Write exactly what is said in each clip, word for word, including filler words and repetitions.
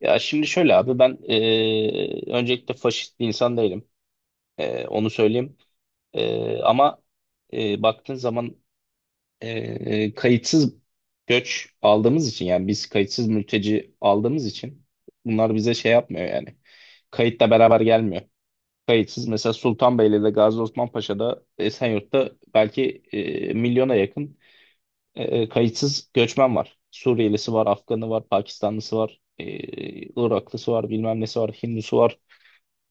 Ya şimdi şöyle abi ben e, öncelikle faşist bir insan değilim. E, onu söyleyeyim. E, ama e, baktığın zaman e, kayıtsız göç aldığımız için yani biz kayıtsız mülteci aldığımız için bunlar bize şey yapmıyor yani. Kayıtla beraber gelmiyor. Kayıtsız mesela Sultanbeyli'de, Gazi Osman Paşa'da, Esenyurt'ta belki e, milyona yakın e, e, kayıtsız göçmen var. Suriyelisi var, Afganı var, Pakistanlısı var, e, Iraklısı var, bilmem nesi var, Hindusu var.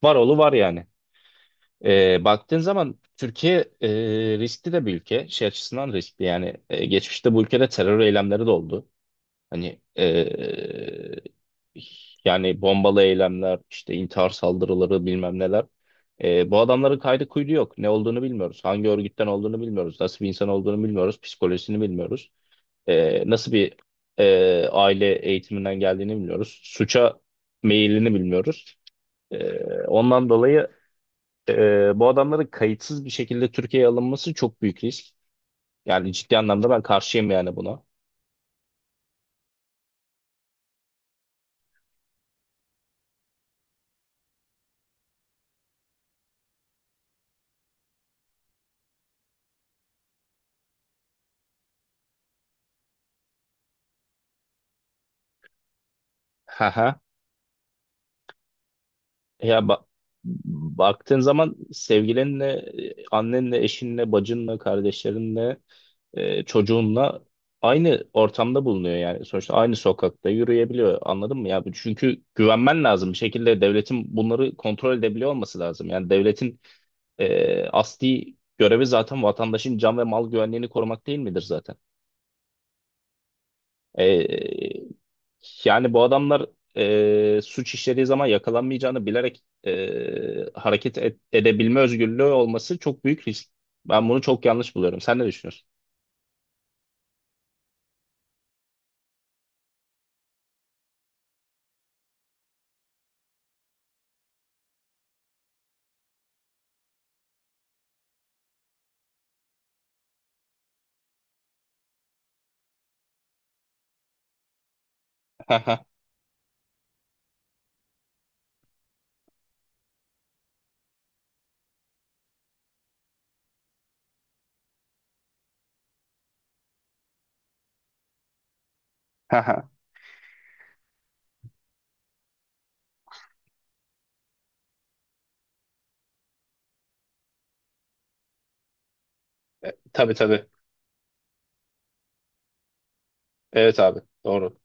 Var oğlu var yani. E, baktığın zaman Türkiye e, riskli de bir ülke. Şey açısından riskli yani. E, geçmişte bu ülkede terör eylemleri de oldu. Hani e, yani bombalı eylemler, işte intihar saldırıları bilmem neler. E, bu adamların kaydı kuydu yok. Ne olduğunu bilmiyoruz. Hangi örgütten olduğunu bilmiyoruz. Nasıl bir insan olduğunu bilmiyoruz. Psikolojisini bilmiyoruz e, nasıl bir e, aile eğitiminden geldiğini bilmiyoruz. Suça meyilini bilmiyoruz. E, Ondan dolayı e, bu adamların kayıtsız bir şekilde Türkiye'ye alınması çok büyük risk. Yani ciddi anlamda ben karşıyım yani buna. Ha ha. Ya ba- baktığın zaman sevgilinle, e, annenle, eşinle, bacınla, kardeşlerinle, e, çocuğunla aynı ortamda bulunuyor yani. Sonuçta aynı sokakta yürüyebiliyor. Anladın mı ya? Bu- Çünkü güvenmen lazım. Bir şekilde devletin bunları kontrol edebiliyor olması lazım. Yani devletin e, asli görevi zaten vatandaşın can ve mal güvenliğini korumak değil midir zaten? E, Yani bu adamlar e, suç işlediği zaman yakalanmayacağını bilerek e, hareket et- edebilme özgürlüğü olması çok büyük risk. Ben bunu çok yanlış buluyorum. Sen ne düşünüyorsun? Ha ha ha ha. E, Tabii, tabii. Evet abi. Doğru.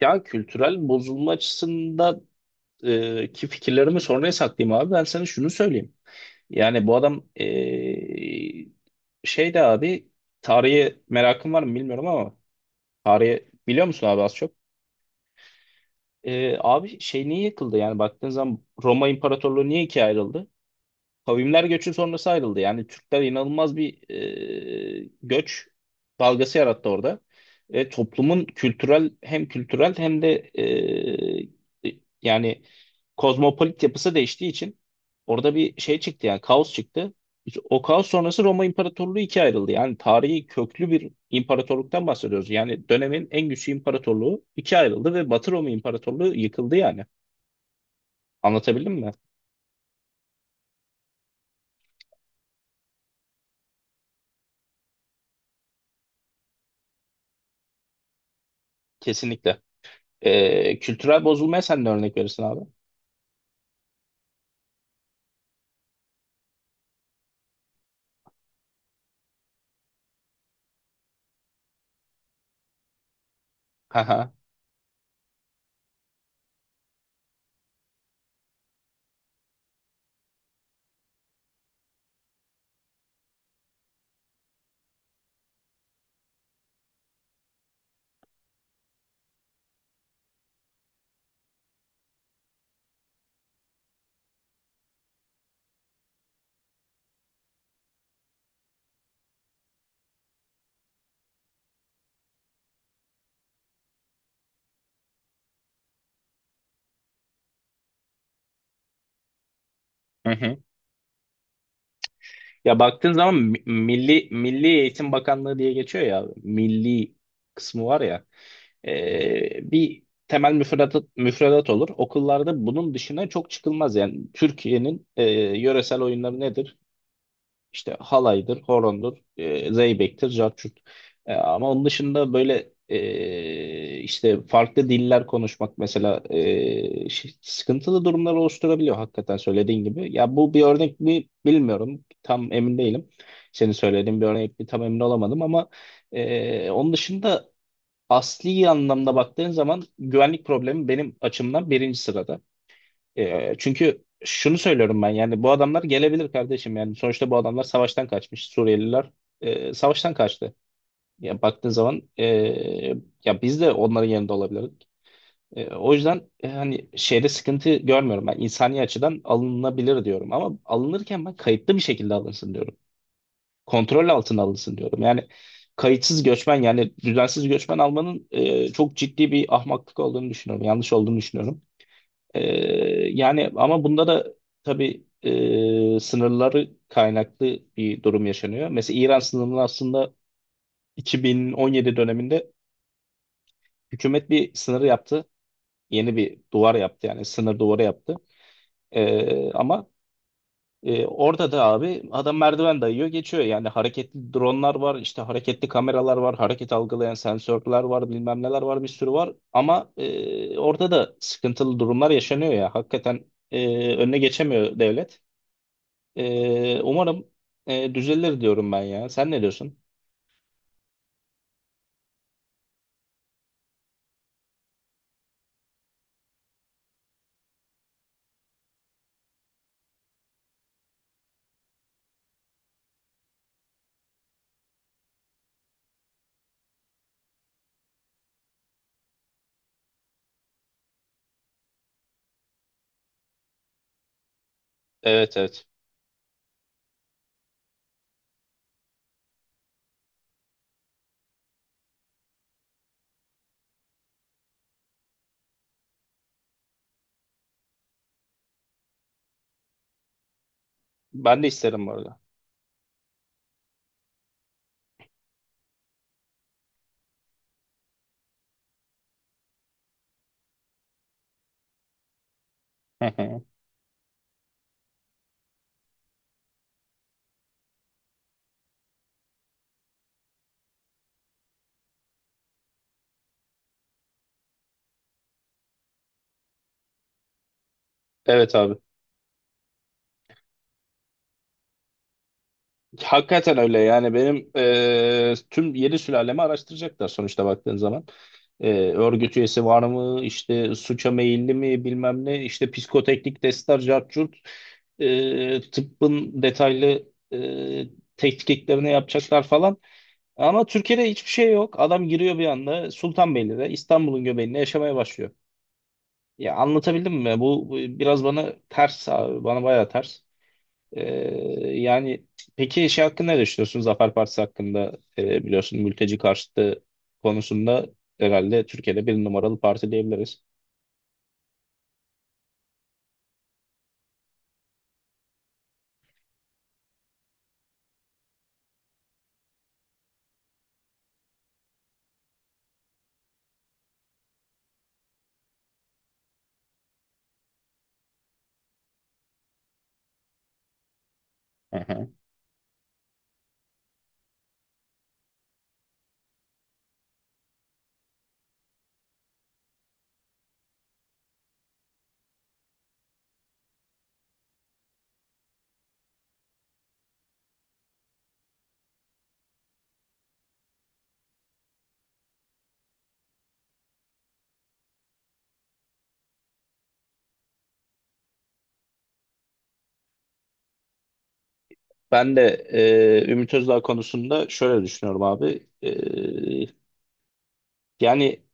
Ya kültürel bozulma açısında e, ki fikirlerimi sonraya saklayayım abi. Ben sana şunu söyleyeyim. Yani bu adam e, şey de abi, tarihe merakın var mı bilmiyorum ama tarihe biliyor musun abi az çok? Ee, abi şey niye yıkıldı yani baktığın zaman Roma İmparatorluğu niye ikiye ayrıldı? Kavimler göçü sonrası ayrıldı. Yani Türkler inanılmaz bir e, göç dalgası yarattı orada. Ve toplumun kültürel, hem kültürel hem de e, yani kozmopolit yapısı değiştiği için orada bir şey çıktı yani kaos çıktı. İşte o kaos sonrası Roma İmparatorluğu ikiye ayrıldı. Yani tarihi köklü bir imparatorluktan bahsediyoruz. Yani dönemin en güçlü imparatorluğu ikiye ayrıldı ve Batı Roma İmparatorluğu yıkıldı yani. Anlatabildim mi? Kesinlikle. Ee, kültürel bozulmaya sen de örnek verirsin abi. Haha. Hı hı. Ya baktığın zaman mi- Milli Milli Eğitim Bakanlığı diye geçiyor ya, milli kısmı var ya. Ee, bir temel müfredat, müfredat olur. Okullarda bunun dışına çok çıkılmaz yani Türkiye'nin e, yöresel oyunları nedir? İşte halaydır, horondur, e, zeybektir, carçurt. E, ama onun dışında böyle e, işte farklı diller konuşmak mesela e, şey- sıkıntılı durumlar oluşturabiliyor hakikaten söylediğin gibi. Ya bu bir örnek mi bilmiyorum. Tam emin değilim. Senin söylediğin bir örnek mi tam emin olamadım ama e, onun dışında asli anlamda baktığın zaman güvenlik problemi benim açımdan birinci sırada. E, çünkü şunu söylüyorum ben, yani bu adamlar gelebilir kardeşim, yani sonuçta bu adamlar savaştan kaçmış Suriyeliler, e, savaştan kaçtı. Ya baktığın zaman e, ya biz de onların yanında olabilirdik. E, o yüzden e, hani şeyde sıkıntı görmüyorum ben, insani açıdan alınabilir diyorum ama alınırken ben kayıtlı bir şekilde alınsın diyorum. Kontrol altına alınsın diyorum. Yani kayıtsız göçmen, yani düzensiz göçmen almanın e, çok ciddi bir ahmaklık olduğunu düşünüyorum. Yanlış olduğunu düşünüyorum. Ee, Yani ama bunda da tabii e, sınırları kaynaklı bir durum yaşanıyor. Mesela İran sınırını aslında iki bin on yedi döneminde hükümet bir sınır yaptı. Yeni bir duvar yaptı yani sınır duvarı yaptı. Ee, ama e, orada da abi adam merdiven dayıyor geçiyor. Yani hareketli dronlar var, işte hareketli kameralar var, hareket algılayan sensörler var, bilmem neler var, bir sürü var. Ama e, orada da sıkıntılı durumlar yaşanıyor ya hakikaten e, önüne geçemiyor devlet. Ee, umarım e, düzelir diyorum ben ya. Sen ne diyorsun? Evet, evet. Ben de isterim bu arada. Hı hı. Evet abi. Hakikaten öyle yani, benim e, tüm yeni sülalemi araştıracaklar sonuçta baktığın zaman. E, örgüt üyesi var mı? İşte suça meyilli mi, bilmem ne. İşte psikoteknik testler, cart curt. E, tıbbın detaylı e, tetkiklerini yapacaklar falan. Ama Türkiye'de hiçbir şey yok. Adam giriyor bir anda Sultanbeyli'de, İstanbul'un göbeğinde yaşamaya başlıyor. Ya anlatabildim mi? Bu bu biraz bana ters abi. Bana bayağı ters. Ee, Yani peki şey hakkında ne düşünüyorsun? Zafer Partisi hakkında. Ee, biliyorsun, mülteci karşıtı konusunda herhalde Türkiye'de bir numaralı parti diyebiliriz. Hı hı. Ben de e, Ümit Özdağ konusunda şöyle düşünüyorum abi. Ee, yani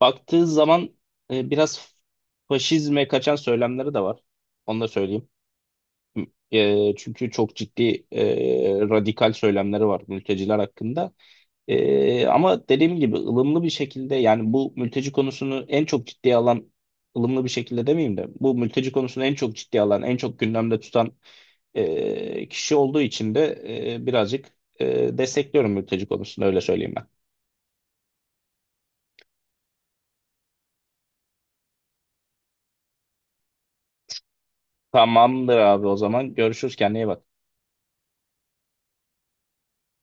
baktığı zaman e, biraz faşizme kaçan söylemleri de var. Onu da söyleyeyim. E, çünkü çok ciddi e, radikal söylemleri var mülteciler hakkında. E, ama dediğim gibi ılımlı bir şekilde, yani bu mülteci konusunu en çok ciddiye alan, ılımlı bir şekilde demeyeyim de bu mülteci konusunu en çok ciddiye alan, en çok gündemde tutan e, kişi olduğu için de e, birazcık e, destekliyorum mülteci konusunu, öyle söyleyeyim ben. Tamamdır abi, o zaman görüşürüz, kendine iyi bak.